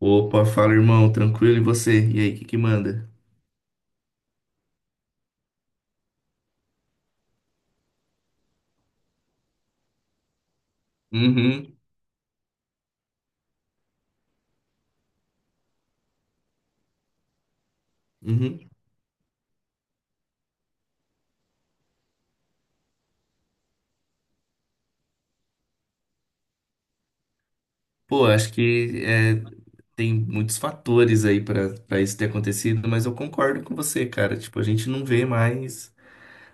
Opa, fala irmão, tranquilo e você? E aí, o que que manda? Uhum, uhum. Pô, acho que é, tem muitos fatores aí pra para isso ter acontecido, mas eu concordo com você, cara. Tipo, a gente não vê mais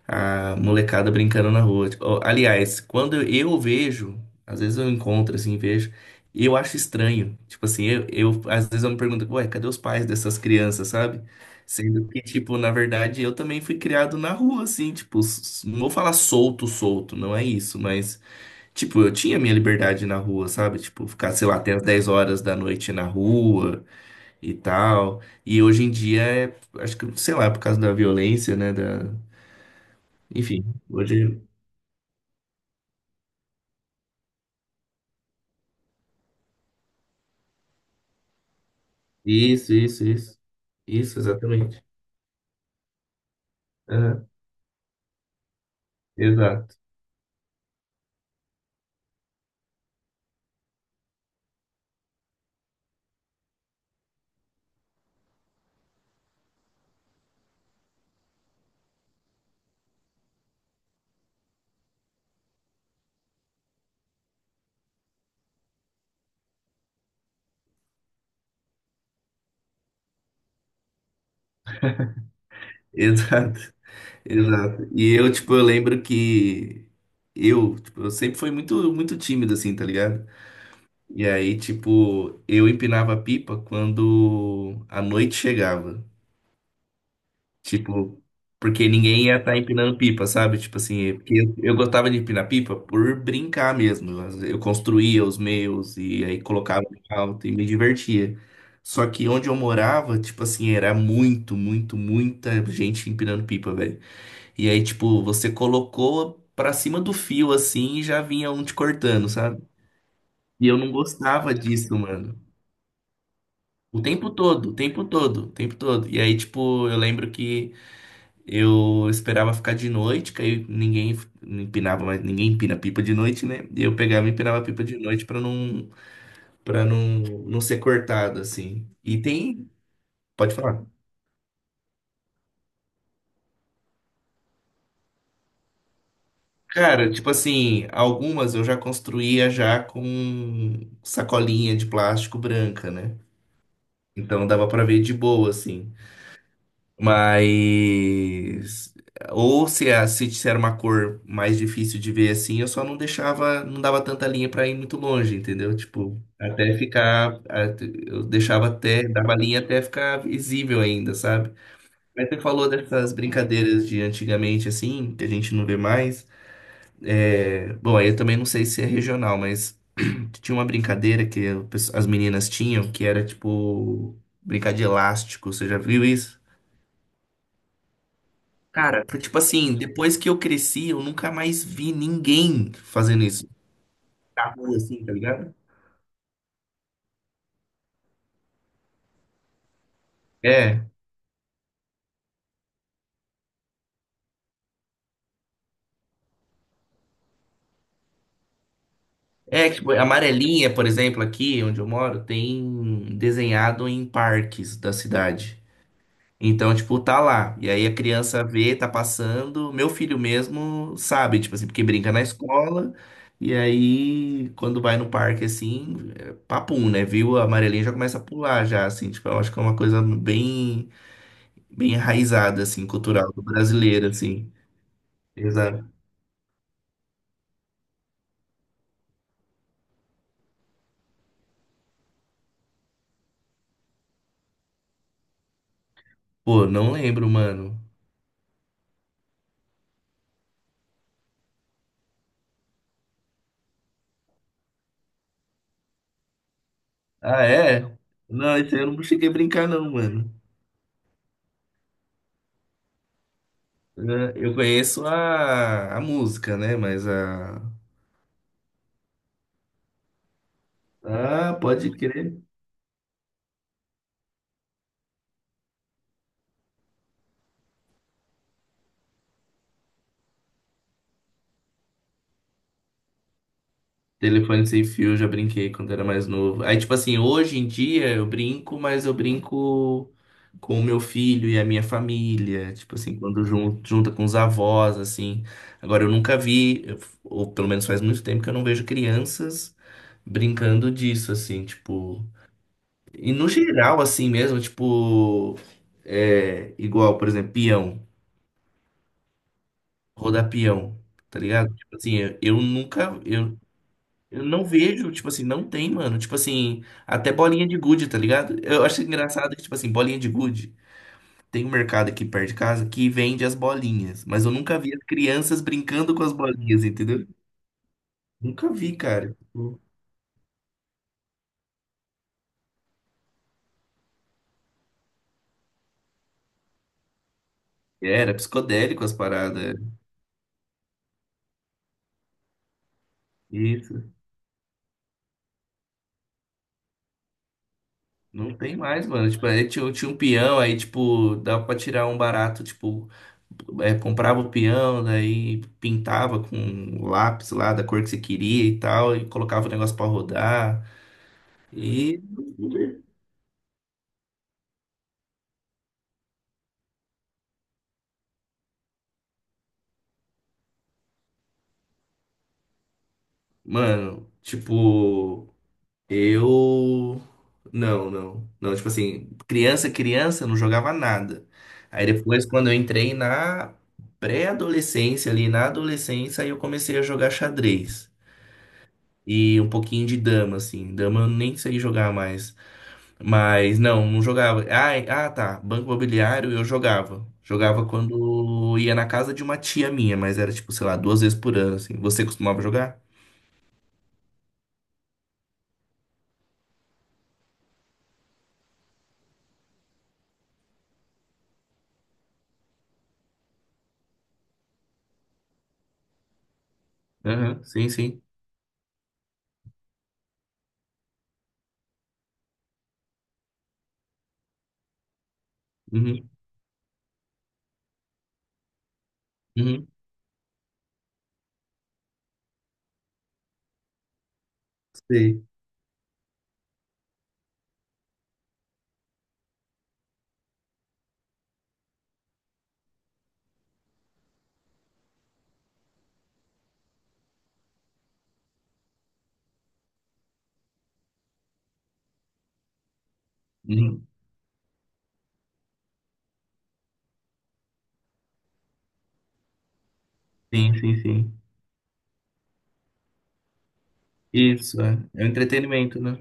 a molecada brincando na rua. Tipo, ó, aliás, quando eu vejo, às vezes eu encontro assim, vejo, e eu acho estranho. Tipo assim, às vezes eu me pergunto, ué, cadê os pais dessas crianças, sabe? Sendo que, tipo, na verdade, eu também fui criado na rua, assim, tipo, não vou falar solto, solto, não é isso, mas, tipo, eu tinha minha liberdade na rua, sabe? Tipo, ficar, sei lá, até as 10 horas da noite na rua e tal. E hoje em dia, é, acho que, sei lá, por causa da violência, né, da, enfim, hoje. Isso, isso, isso. Isso, exatamente. Aham, exato. Exato. Exato. E eu, tipo, eu lembro que eu, tipo, eu sempre fui muito tímido, assim, tá ligado? E aí, tipo, eu empinava a pipa quando a noite chegava. Tipo, porque ninguém ia estar empinando pipa, sabe? Tipo assim, porque eu gostava de empinar pipa por brincar mesmo. Eu construía os meus e aí colocava em alto e me divertia. Só que onde eu morava, tipo assim, era muito, muito, muita gente empinando pipa, velho. E aí, tipo, você colocou pra cima do fio assim e já vinha um te cortando, sabe? E eu não gostava disso, mano. O tempo todo, o tempo todo, o tempo todo. E aí, tipo, eu lembro que eu esperava ficar de noite, que aí ninguém empinava, mais ninguém empina pipa de noite, né? E eu pegava e empinava a pipa de noite pra não para não não ser cortado assim. E tem, pode falar. Cara, tipo assim, algumas eu já construía já com sacolinha de plástico branca, né? Então dava pra ver de boa assim. Mas. Ou se, se era uma cor mais difícil de ver assim, eu só não deixava, não dava tanta linha pra ir muito longe, entendeu? Tipo, eu deixava até, dava linha até ficar visível ainda, sabe? Mas você falou dessas brincadeiras de antigamente, assim, que a gente não vê mais. É, bom, aí eu também não sei se é regional, mas tinha uma brincadeira que as meninas tinham que era tipo brincar de elástico, você já viu isso? Cara, foi tipo assim, depois que eu cresci, eu nunca mais vi ninguém fazendo isso. Na rua, assim, tá ligado? É. É, tipo, a amarelinha, por exemplo, aqui onde eu moro, tem desenhado em parques da cidade. Então, tipo, tá lá. E aí a criança vê, tá passando. Meu filho mesmo sabe, tipo assim, porque brinca na escola. E aí, quando vai no parque, assim, é papum, né? Viu a amarelinha já começa a pular, já, assim. Tipo, eu acho que é uma coisa bem, bem enraizada, assim, cultural brasileira, assim. Exato. Pô, não lembro, mano. Ah, é? Não, isso eu não cheguei a brincar, não, mano. É, eu conheço a música, né? Mas a. Ah, pode crer. Telefone sem fio, eu já brinquei quando era mais novo. Aí, tipo assim, hoje em dia eu brinco, mas eu brinco com o meu filho e a minha família. Tipo assim, quando junta com os avós, assim. Agora, eu nunca vi, ou pelo menos faz muito tempo que eu não vejo crianças brincando disso, assim, tipo. E no geral, assim mesmo, tipo. É, igual, por exemplo, peão, rodar peão, tá ligado? Tipo assim, eu nunca. Eu não vejo, tipo assim, não tem, mano. Tipo assim, até bolinha de gude, tá ligado? Eu acho engraçado que, tipo assim, bolinha de gude. Tem um mercado aqui perto de casa que vende as bolinhas, mas eu nunca vi as crianças brincando com as bolinhas, entendeu? Nunca vi, cara. Tipo, era psicodélico as paradas, era. Isso. Não tem mais, mano. Tipo, aí tinha, tinha um peão, aí, tipo, dava pra tirar um barato, tipo, é, comprava o peão, daí pintava com lápis lá da cor que você queria e tal, e colocava o negócio pra rodar. E, mano, tipo, eu. Não, não. Não, tipo assim, criança, não jogava nada. Aí depois, quando eu entrei na pré-adolescência, ali na adolescência, aí eu comecei a jogar xadrez. E um pouquinho de dama, assim. Dama eu nem sei jogar mais. Mas não, não jogava. Ai, ah, tá. Banco Imobiliário eu jogava. Jogava quando ia na casa de uma tia minha, mas era tipo, sei lá, 2 vezes por ano, assim. Você costumava jogar? Aham, sim, sim. Uhum, uhum, sei. Uhum. Sim, sim, sim. Isso, é. É o entretenimento, né?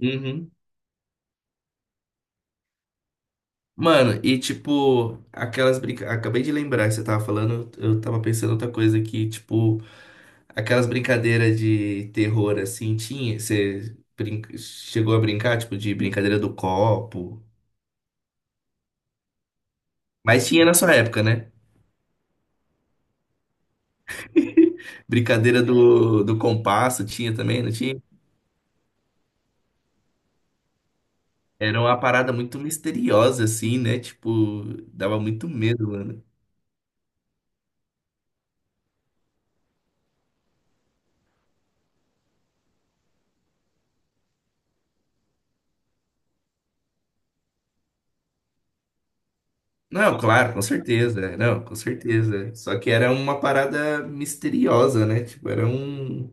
Uhum. Mano, e tipo, aquelas brincadeiras. Acabei de lembrar que você tava falando, eu tava pensando outra coisa aqui, tipo, aquelas brincadeiras de terror assim, tinha. Chegou a brincar, tipo, de brincadeira do copo. Mas tinha na sua época, né? Brincadeira do, do compasso, tinha também, não tinha? Era uma parada muito misteriosa, assim, né? Tipo, dava muito medo, mano. Não, claro, com certeza. É, não, com certeza. Só que era uma parada misteriosa, né? Tipo,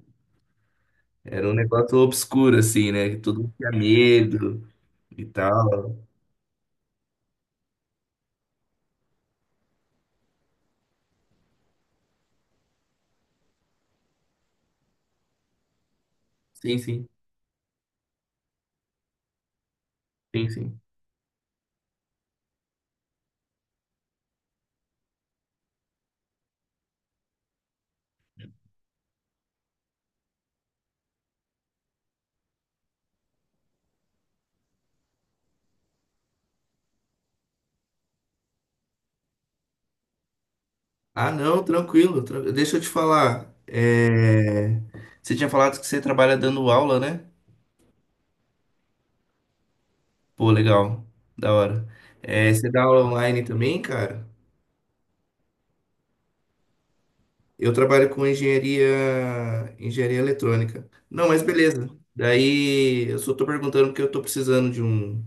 era um negócio obscuro, assim, né? Que todo mundo tinha medo e tal. Sim, sim, sim, sim. Ah, não, tranquilo. Deixa eu te falar. É... Você tinha falado que você trabalha dando aula, né? Pô, legal. Da hora. É, você dá aula online também, cara? Eu trabalho com engenharia, engenharia eletrônica. Não, mas beleza. Daí eu só tô perguntando porque eu tô precisando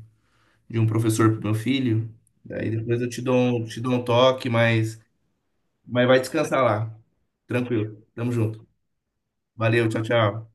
de um professor pro meu filho. Daí depois eu te dou um toque, mas vai descansar lá. Tranquilo. Tamo junto. Valeu, tchau, tchau.